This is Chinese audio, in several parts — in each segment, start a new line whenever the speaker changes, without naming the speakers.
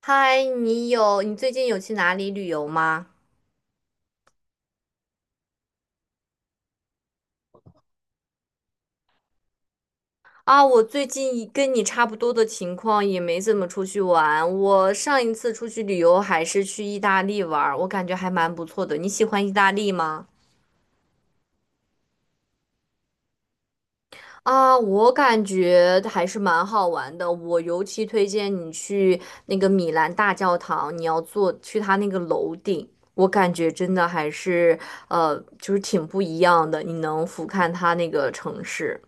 嗨，你最近有去哪里旅游吗？啊，我最近跟你差不多的情况，也没怎么出去玩。我上一次出去旅游还是去意大利玩儿，我感觉还蛮不错的。你喜欢意大利吗？啊，我感觉还是蛮好玩的。我尤其推荐你去那个米兰大教堂，你要坐去它那个楼顶，我感觉真的就是挺不一样的。你能俯瞰它那个城市。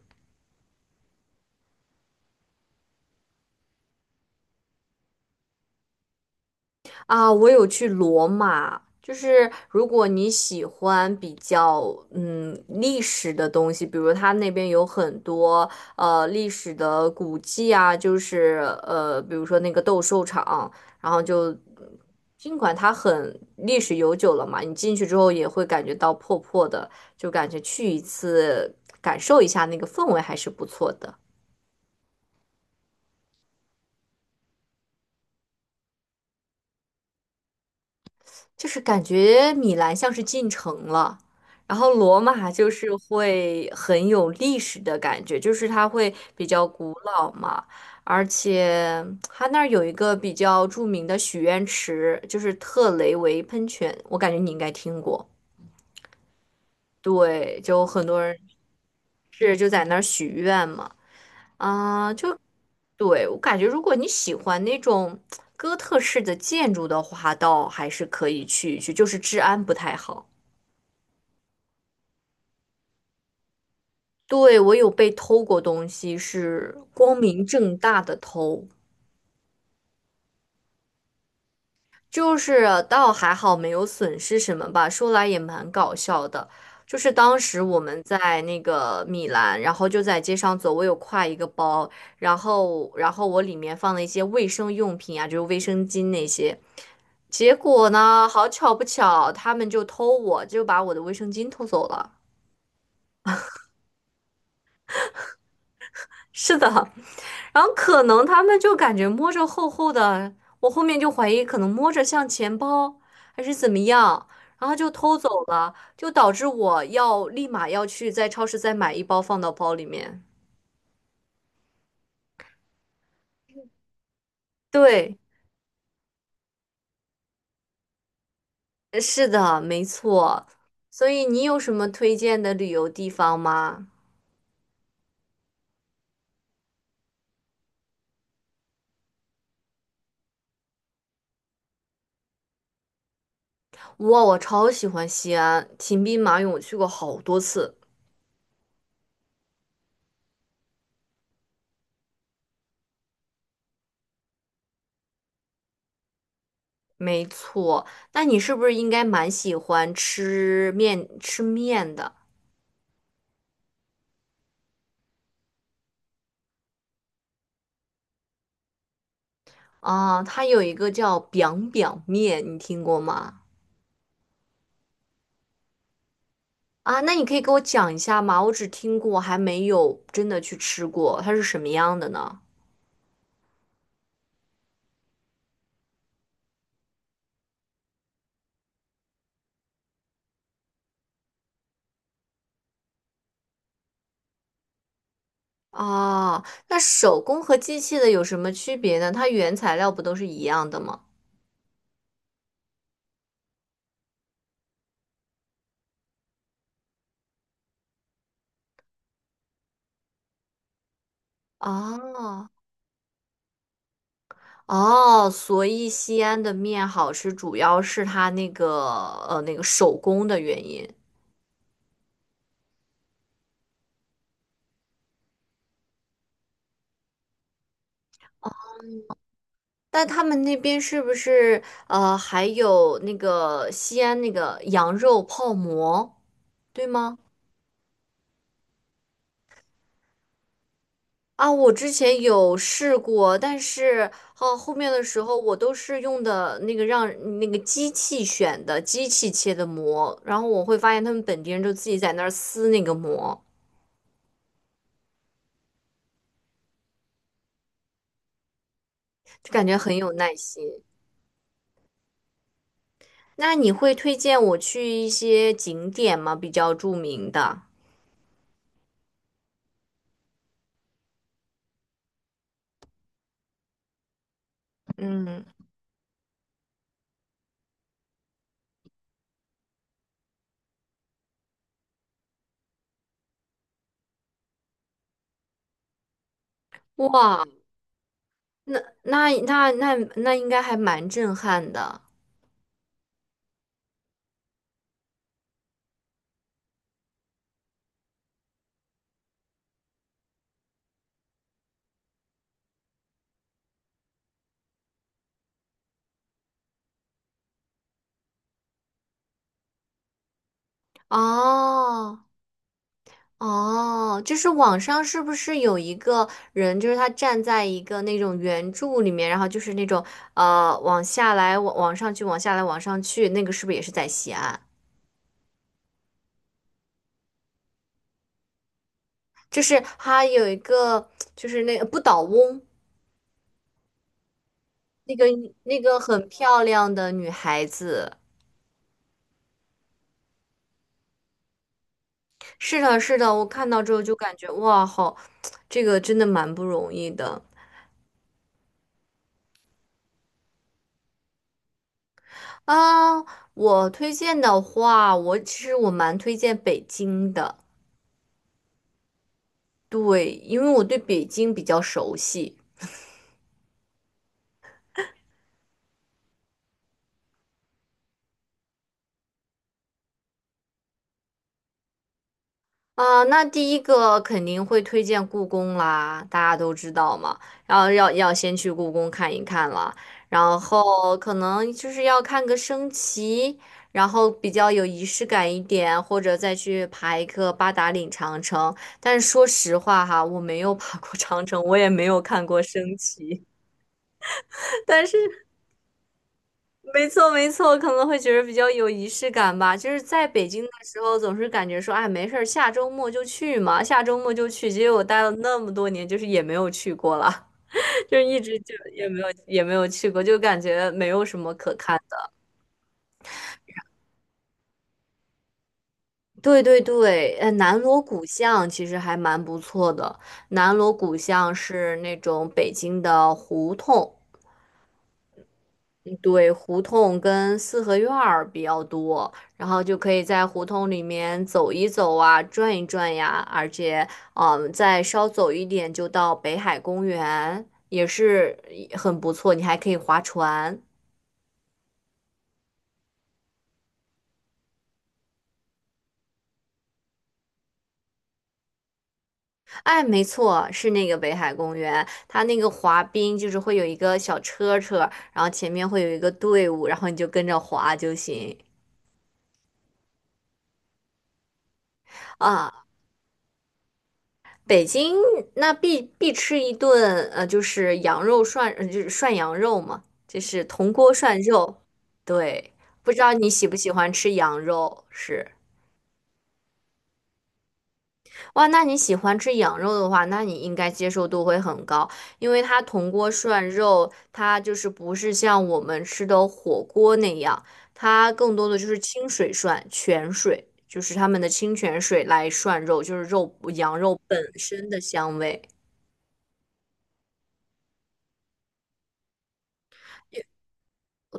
啊，我有去罗马，就是如果你喜欢比较历史的东西，比如它那边有很多历史的古迹啊，就是比如说那个斗兽场，然后就尽管它很历史悠久了嘛，你进去之后也会感觉到破破的，就感觉去一次感受一下那个氛围还是不错的。就是感觉米兰像是进城了，然后罗马就是会很有历史的感觉，就是它会比较古老嘛，而且 它那儿有一个比较著名的许愿池，就是特雷维喷泉，我感觉你应该听过。对，就很多人是就在那儿许愿嘛，啊、就对，我感觉如果你喜欢那种 哥特式的建筑的话，倒还是可以去一去，就是治安不太好。对，我有被偷过东西，是光明正大的偷，就是倒还好没有损失什么吧。说来也蛮搞笑的，就是当时我们在那个米兰，然后就在街上走，我有挎一个包，然后我里面放了一些卫生用品啊，就是卫生巾那些。结果呢，好巧不巧，他们就偷我，就把我的卫生巾偷走了。是的，然后可能他们就感觉摸着厚厚的，我后面就怀疑可能摸着像钱包还是怎么样，然后就偷走了，就导致我要立马要去在超市再买一包放到包里面。对，是的，没错。所以你有什么推荐的旅游地方吗？哇，我超喜欢西安，秦兵马俑我去过好多次。没错，那你是不是应该蛮喜欢吃面的？啊，它有一个叫 biang biang 面，你听过吗？啊，那你可以给我讲一下吗？我只听过，还没有真的去吃过，它是什么样的呢？啊，那手工和机器的有什么区别呢？它原材料不都是一样的吗？啊，哦，所以西安的面好吃，主要是它那个那个手工的原因。哦但他们那边是不是还有那个西安那个羊肉泡馍？对吗？啊，我之前有试过，但是哦，后面的时候我都是用的那个让那个机器选的，机器切的膜，然后我会发现他们本地人就自己在那儿撕那个膜，就感觉很有耐心。那你会推荐我去一些景点吗？比较著名的？嗯，哇，那那应该还蛮震撼的哦。哦，就是网上是不是有一个人，就是他站在一个那种圆柱里面，然后就是那种往下来，往上去，往下来，往上去，那个是不是也是在西安？就是他有一个，就是那个不倒翁，那个那个很漂亮的女孩子。是的，是的，我看到之后就感觉哇，好，这个真的蛮不容易的啊。我推荐的话，我其实蛮推荐北京的。对，因为我对北京比较熟悉那第一个肯定会推荐故宫啦，大家都知道嘛。然后要先去故宫看一看了，然后可能就是要看个升旗，然后比较有仪式感一点，或者再去爬一个八达岭长城。但是说实话哈，我没有爬过长城，我也没有看过升旗，但是没错，没错，可能会觉得比较有仪式感吧。就是在北京的时候，总是感觉说，哎，没事儿，下周末就去嘛，下周末就去。结果我待了那么多年，就是也没有去过了，就是一直就也没有也没有去过，就感觉没有什么可看的。对对对，呃，南锣鼓巷其实还蛮不错的。南锣鼓巷是那种北京的胡同，嗯对，胡同跟四合院儿比较多，然后就可以在胡同里面走一走啊，转一转呀，而且，嗯，再稍走一点就到北海公园，也是很不错，你还可以划船。哎，没错，是那个北海公园，它那个滑冰就是会有一个小车车，然后前面会有一个队伍，然后你就跟着滑就行。啊，北京那必吃一顿，就是羊肉涮，就是涮羊肉嘛，就是铜锅涮肉。对，不知道你喜不喜欢吃羊肉？是，哇，那你喜欢吃羊肉的话，那你应该接受度会很高，因为它铜锅涮肉，它就是不是像我们吃的火锅那样，它更多的就是清水涮，泉水，就是他们的清泉水来涮肉，就是肉羊肉本身的香味。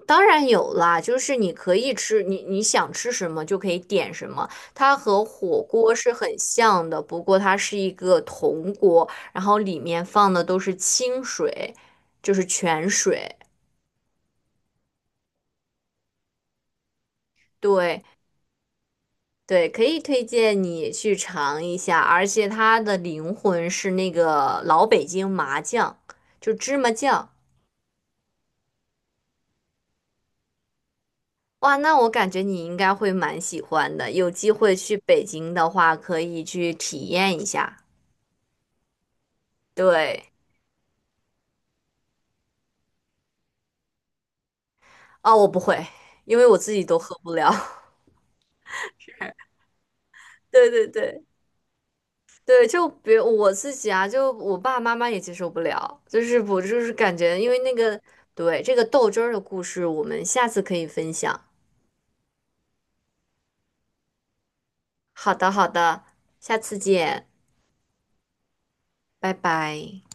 当然有啦，就是你可以吃，你想吃什么就可以点什么。它和火锅是很像的，不过它是一个铜锅，然后里面放的都是清水，就是泉水。对对，可以推荐你去尝一下，而且它的灵魂是那个老北京麻酱，就芝麻酱。哇，那我感觉你应该会蛮喜欢的，有机会去北京的话，可以去体验一下。对。啊，我不会，因为我自己都喝不了。对对对对，就比如我自己啊，就我爸爸妈妈也接受不了，就是我感觉，因为那个对这个豆汁儿的故事，我们下次可以分享。好的好的，下次见，拜拜。